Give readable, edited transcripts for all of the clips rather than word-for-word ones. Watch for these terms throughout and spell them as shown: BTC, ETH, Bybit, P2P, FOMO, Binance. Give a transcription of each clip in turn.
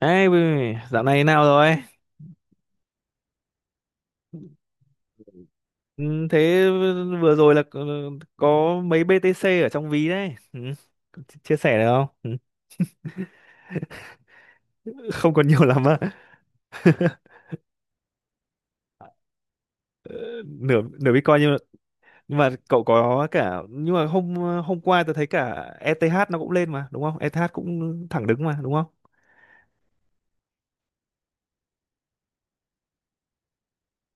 Ê, dạo này nào rồi? Ừ. Thế vừa rồi là có mấy BTC ở trong ví đấy. Ừ. Chia chia sẻ được không? Ừ. Không còn nhiều lắm á. Nửa nửa Bitcoin, nhưng mà cậu có cả, nhưng mà hôm hôm qua tôi thấy cả ETH nó cũng lên mà, đúng không? ETH cũng thẳng đứng mà, đúng không?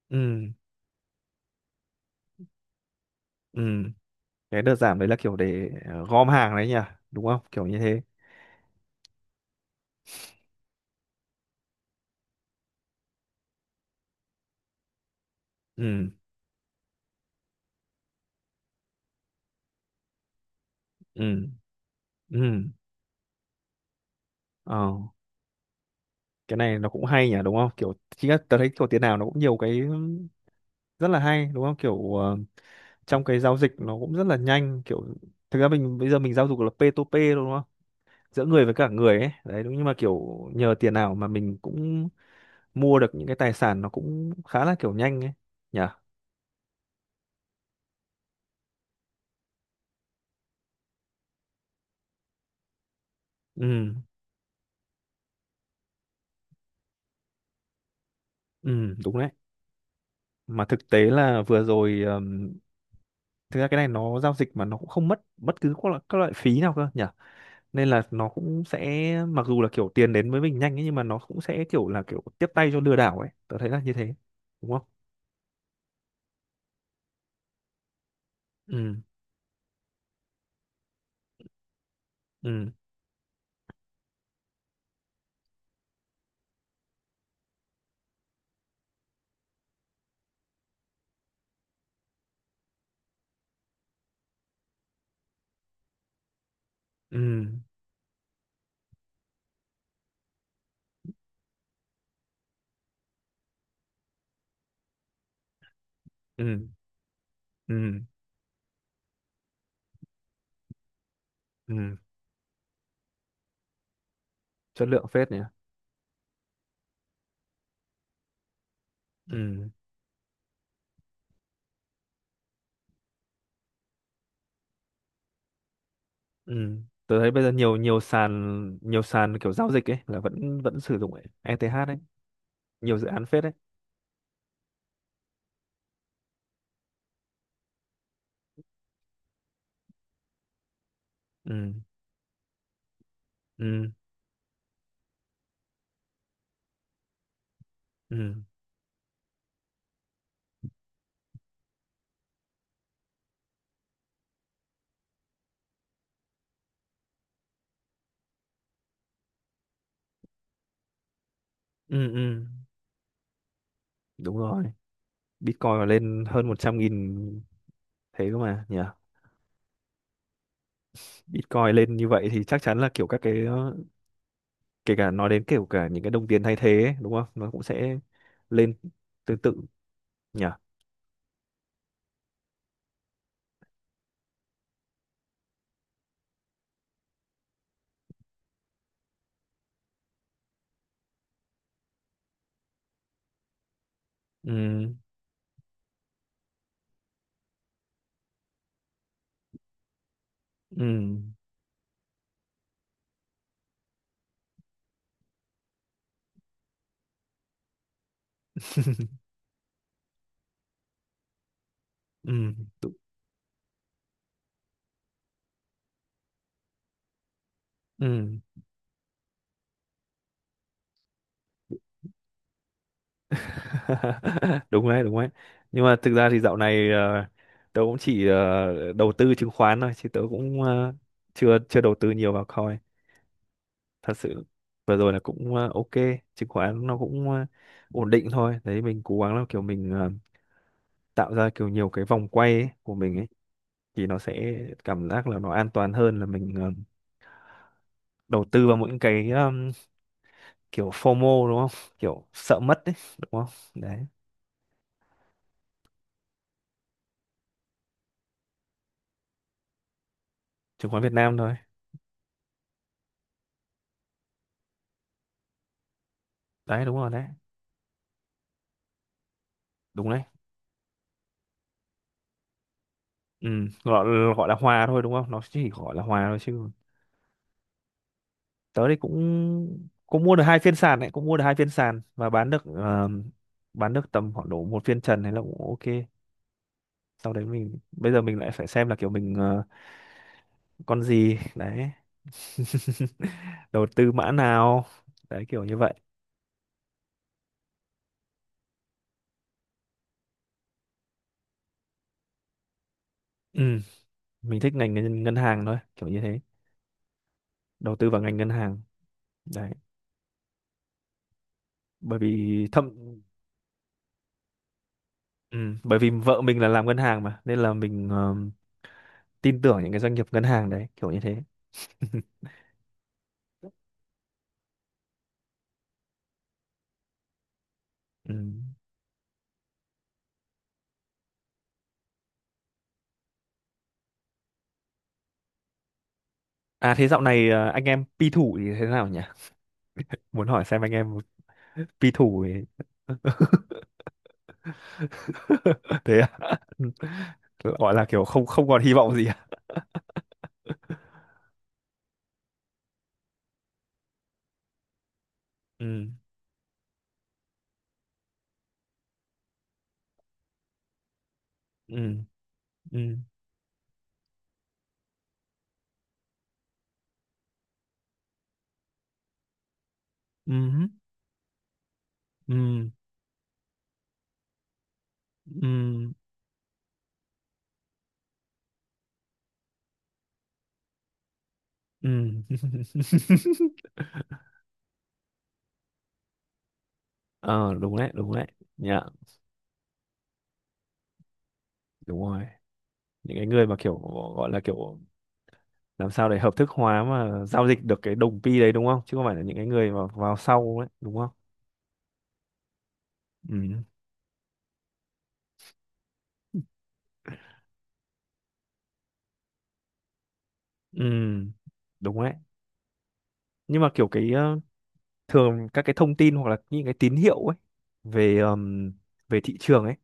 Ừ, ừ. Cái đợt giảm đấy là kiểu để gom hàng đấy nhỉ, đúng không? Kiểu như thế. Ừ, ừ, ừ. Ờ. Cái này nó cũng hay nhỉ, đúng không? Kiểu chính là tớ thấy kiểu tiền nào nó cũng nhiều cái rất là hay, đúng không? Kiểu trong cái giao dịch nó cũng rất là nhanh. Kiểu thực ra mình bây giờ mình giao dịch là P2P, đúng không? Giữa người với cả người ấy đấy, đúng. Nhưng mà kiểu nhờ tiền nào mà mình cũng mua được những cái tài sản, nó cũng khá là kiểu nhanh ấy nhỉ. Ừ, ừ, đúng đấy. Mà thực tế là vừa rồi thực ra cái này nó giao dịch mà nó cũng không mất bất cứ các loại phí nào cơ nhỉ. Nên là nó cũng sẽ, mặc dù là kiểu tiền đến với mình nhanh ấy, nhưng mà nó cũng sẽ kiểu là kiểu tiếp tay cho lừa đảo ấy, tớ thấy là như thế, đúng không? Ừ, ừ, ừ, ừ, ừ, ừ. Chất lượng phết nhỉ. Ừ, ừ. Tớ thấy bây giờ nhiều nhiều sàn kiểu giao dịch ấy là vẫn vẫn sử dụng ETH ấy, nhiều dự án phết đấy. Ừ, ừ, ừ, ừ, ừ, đúng rồi. Bitcoin mà lên hơn 100.000 thế cơ mà nhỉ. Bitcoin lên như vậy thì chắc chắn là kiểu các cái, kể cả nói đến kiểu cả những cái đồng tiền thay thế ấy, đúng không, nó cũng sẽ lên tương tự nhỉ. Ừ, ừ, ừ, tự- ừ. Đúng đấy, đúng đấy. Nhưng mà thực ra thì dạo này tớ cũng chỉ đầu tư chứng khoán thôi, chứ tớ cũng ờ, chưa chưa đầu tư nhiều vào coin thật sự. Vừa rồi là cũng ok. Chứng khoán nó cũng ổn định thôi đấy. Mình cố gắng là kiểu mình tạo ra kiểu nhiều cái vòng quay ấy, của mình ấy, thì nó sẽ cảm giác là nó an toàn hơn là mình đầu tư vào những cái kiểu FOMO, đúng không? Kiểu sợ mất đấy, đúng không? Đấy. Chứng khoán Việt Nam thôi. Đấy, đúng rồi đấy, đúng đấy. Ừ. gọi, gọi là hòa thôi, đúng không? Nó chỉ gọi là hòa thôi chứ. Tớ thì cũng cũng mua được hai phiên sàn đấy, cũng mua được hai phiên sàn, và bán được tầm khoảng độ một phiên trần hay là cũng ok. Sau đấy mình bây giờ mình lại phải xem là kiểu mình con gì đấy. Đầu tư mã nào đấy kiểu như vậy. Ừ. Mình thích ngành ngân hàng thôi, kiểu như thế. Đầu tư vào ngành ngân hàng đấy. Bởi vì thậm Ừ, bởi vì vợ mình là làm ngân hàng mà, nên là mình tin tưởng những cái doanh nghiệp ngân hàng đấy, kiểu như thế. Ừ. À, thế dạo này anh em pi thủ thì thế nào nhỉ? Muốn hỏi xem anh em pi thủ thì… Thế à? Gọi là kiểu không không còn hy vọng gì à? Ừ, ừ, ừ, ừ, ừ, ừ, ừ. Ờ, đúng đấy, đúng đấy. Dạ, đúng rồi. Những cái người mà kiểu gọi là kiểu làm sao để hợp thức hóa mà giao dịch được cái đồng pi đấy, đúng không? Chứ không phải là những cái người mà vào sau ấy, đúng không? Ừ, ừ, đúng đấy. Nhưng mà kiểu cái thường các cái thông tin hoặc là những cái tín hiệu ấy về về thị trường ấy,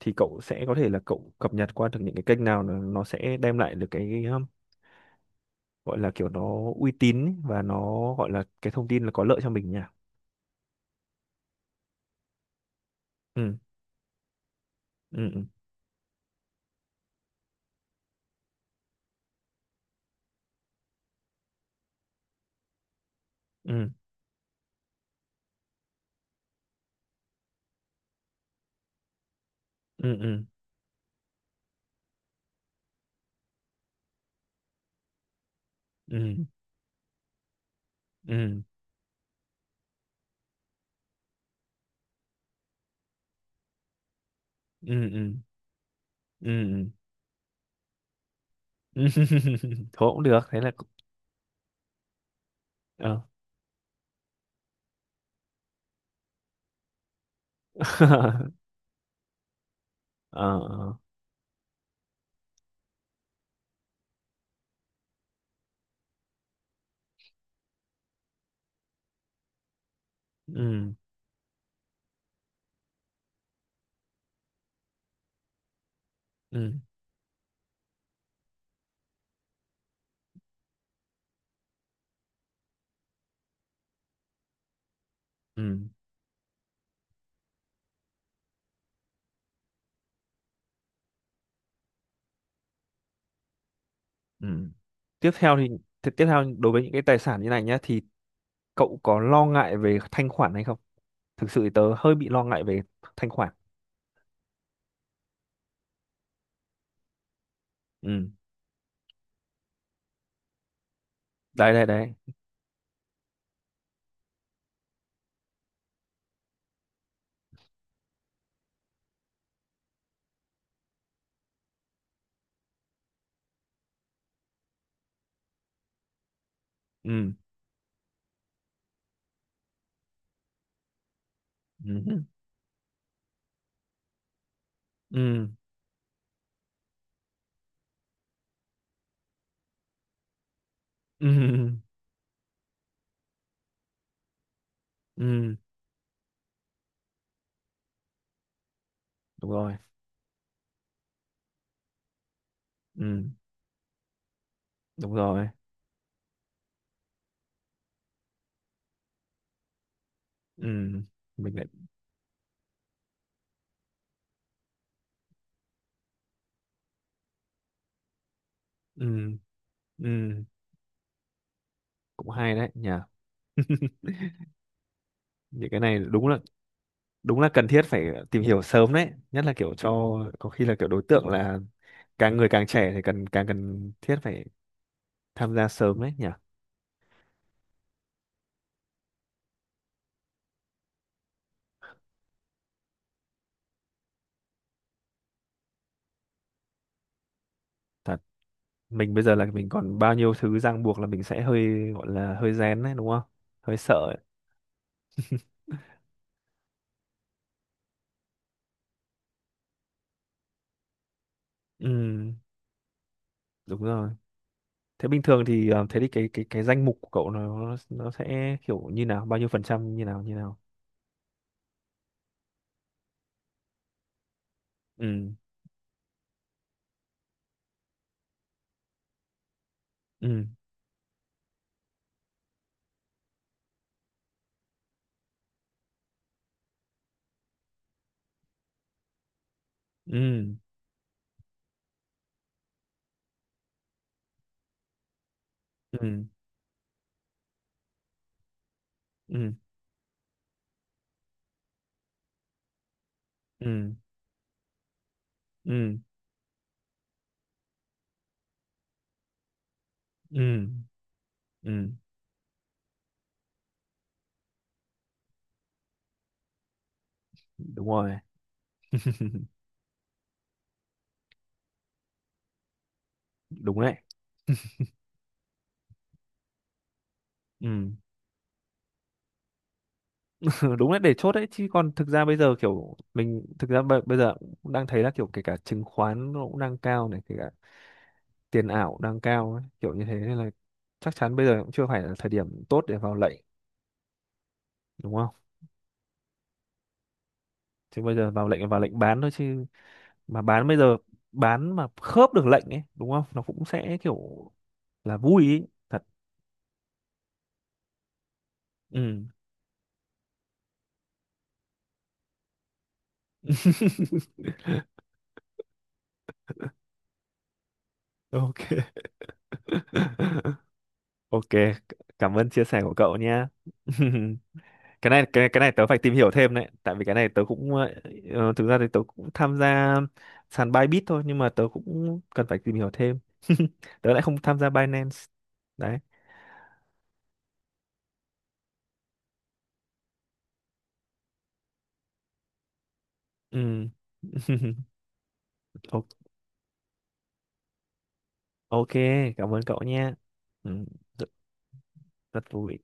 thì cậu sẽ có thể là cậu cập nhật qua được những cái kênh nào nó sẽ đem lại được cái gọi là kiểu nó uy tín ấy, và nó gọi là cái thông tin là có lợi cho mình nhỉ. Ừ, ừ, ừ, ừ, ừ, ừ, ừ, ừ, ừ, ừ, ừ, ừ. Thôi cũng được, thế là ờ. Ờ, ờ. Ừ, ừ, ừ, ừ. Tiếp theo thì tiếp theo đối với những cái tài sản như này nhá, thì cậu có lo ngại về thanh khoản hay không? Thực sự thì tớ hơi bị lo ngại về thanh khoản. Ừ. Đấy, đấy, đấy. Ừ, ừ, ừ, ừ, ừ, đúng rồi. Ừ, đúng rồi. Ừ, mình lại, ừ, ừ, cũng hay đấy nhỉ. Những cái này đúng là, đúng là cần thiết phải tìm hiểu sớm đấy, nhất là kiểu cho có khi là kiểu đối tượng là càng người càng trẻ thì càng cần thiết phải tham gia sớm đấy nhỉ. Thật. Mình bây giờ là mình còn bao nhiêu thứ ràng buộc, là mình sẽ hơi gọi là hơi rén đấy, đúng không? Hơi sợ ấy. Ừ, đúng rồi. Thế bình thường thì thế thì cái danh mục của cậu nó sẽ kiểu như nào, bao nhiêu phần trăm như nào như nào? Ừ, ừ, ừ, ừ, ừ, ừ, ừ, ừ, ừ, đúng rồi. Đúng đấy. Ừ. Đúng đấy, để chốt đấy, chứ còn thực ra bây giờ kiểu mình thực ra bây giờ cũng đang thấy là kiểu kể cả chứng khoán nó cũng đang cao này, kể cả tiền ảo đang cao ấy, kiểu như thế, nên là chắc chắn bây giờ cũng chưa phải là thời điểm tốt để vào lệnh, đúng không? Chứ bây giờ vào lệnh là vào lệnh bán thôi chứ. Mà bán bây giờ, bán mà khớp được lệnh ấy, đúng không, nó cũng sẽ kiểu là vui ý, thật. Ừ. Ok. Ok, cảm ơn chia sẻ của cậu nha. Cái này tớ phải tìm hiểu thêm đấy, tại vì cái này tớ cũng thực ra thì tớ cũng tham gia sàn Bybit thôi, nhưng mà tớ cũng cần phải tìm hiểu thêm. Tớ lại không tham gia Binance đấy. Ừ. Ok. Ok, cảm ơn cậu nha. Ừ. Rất, rất vui.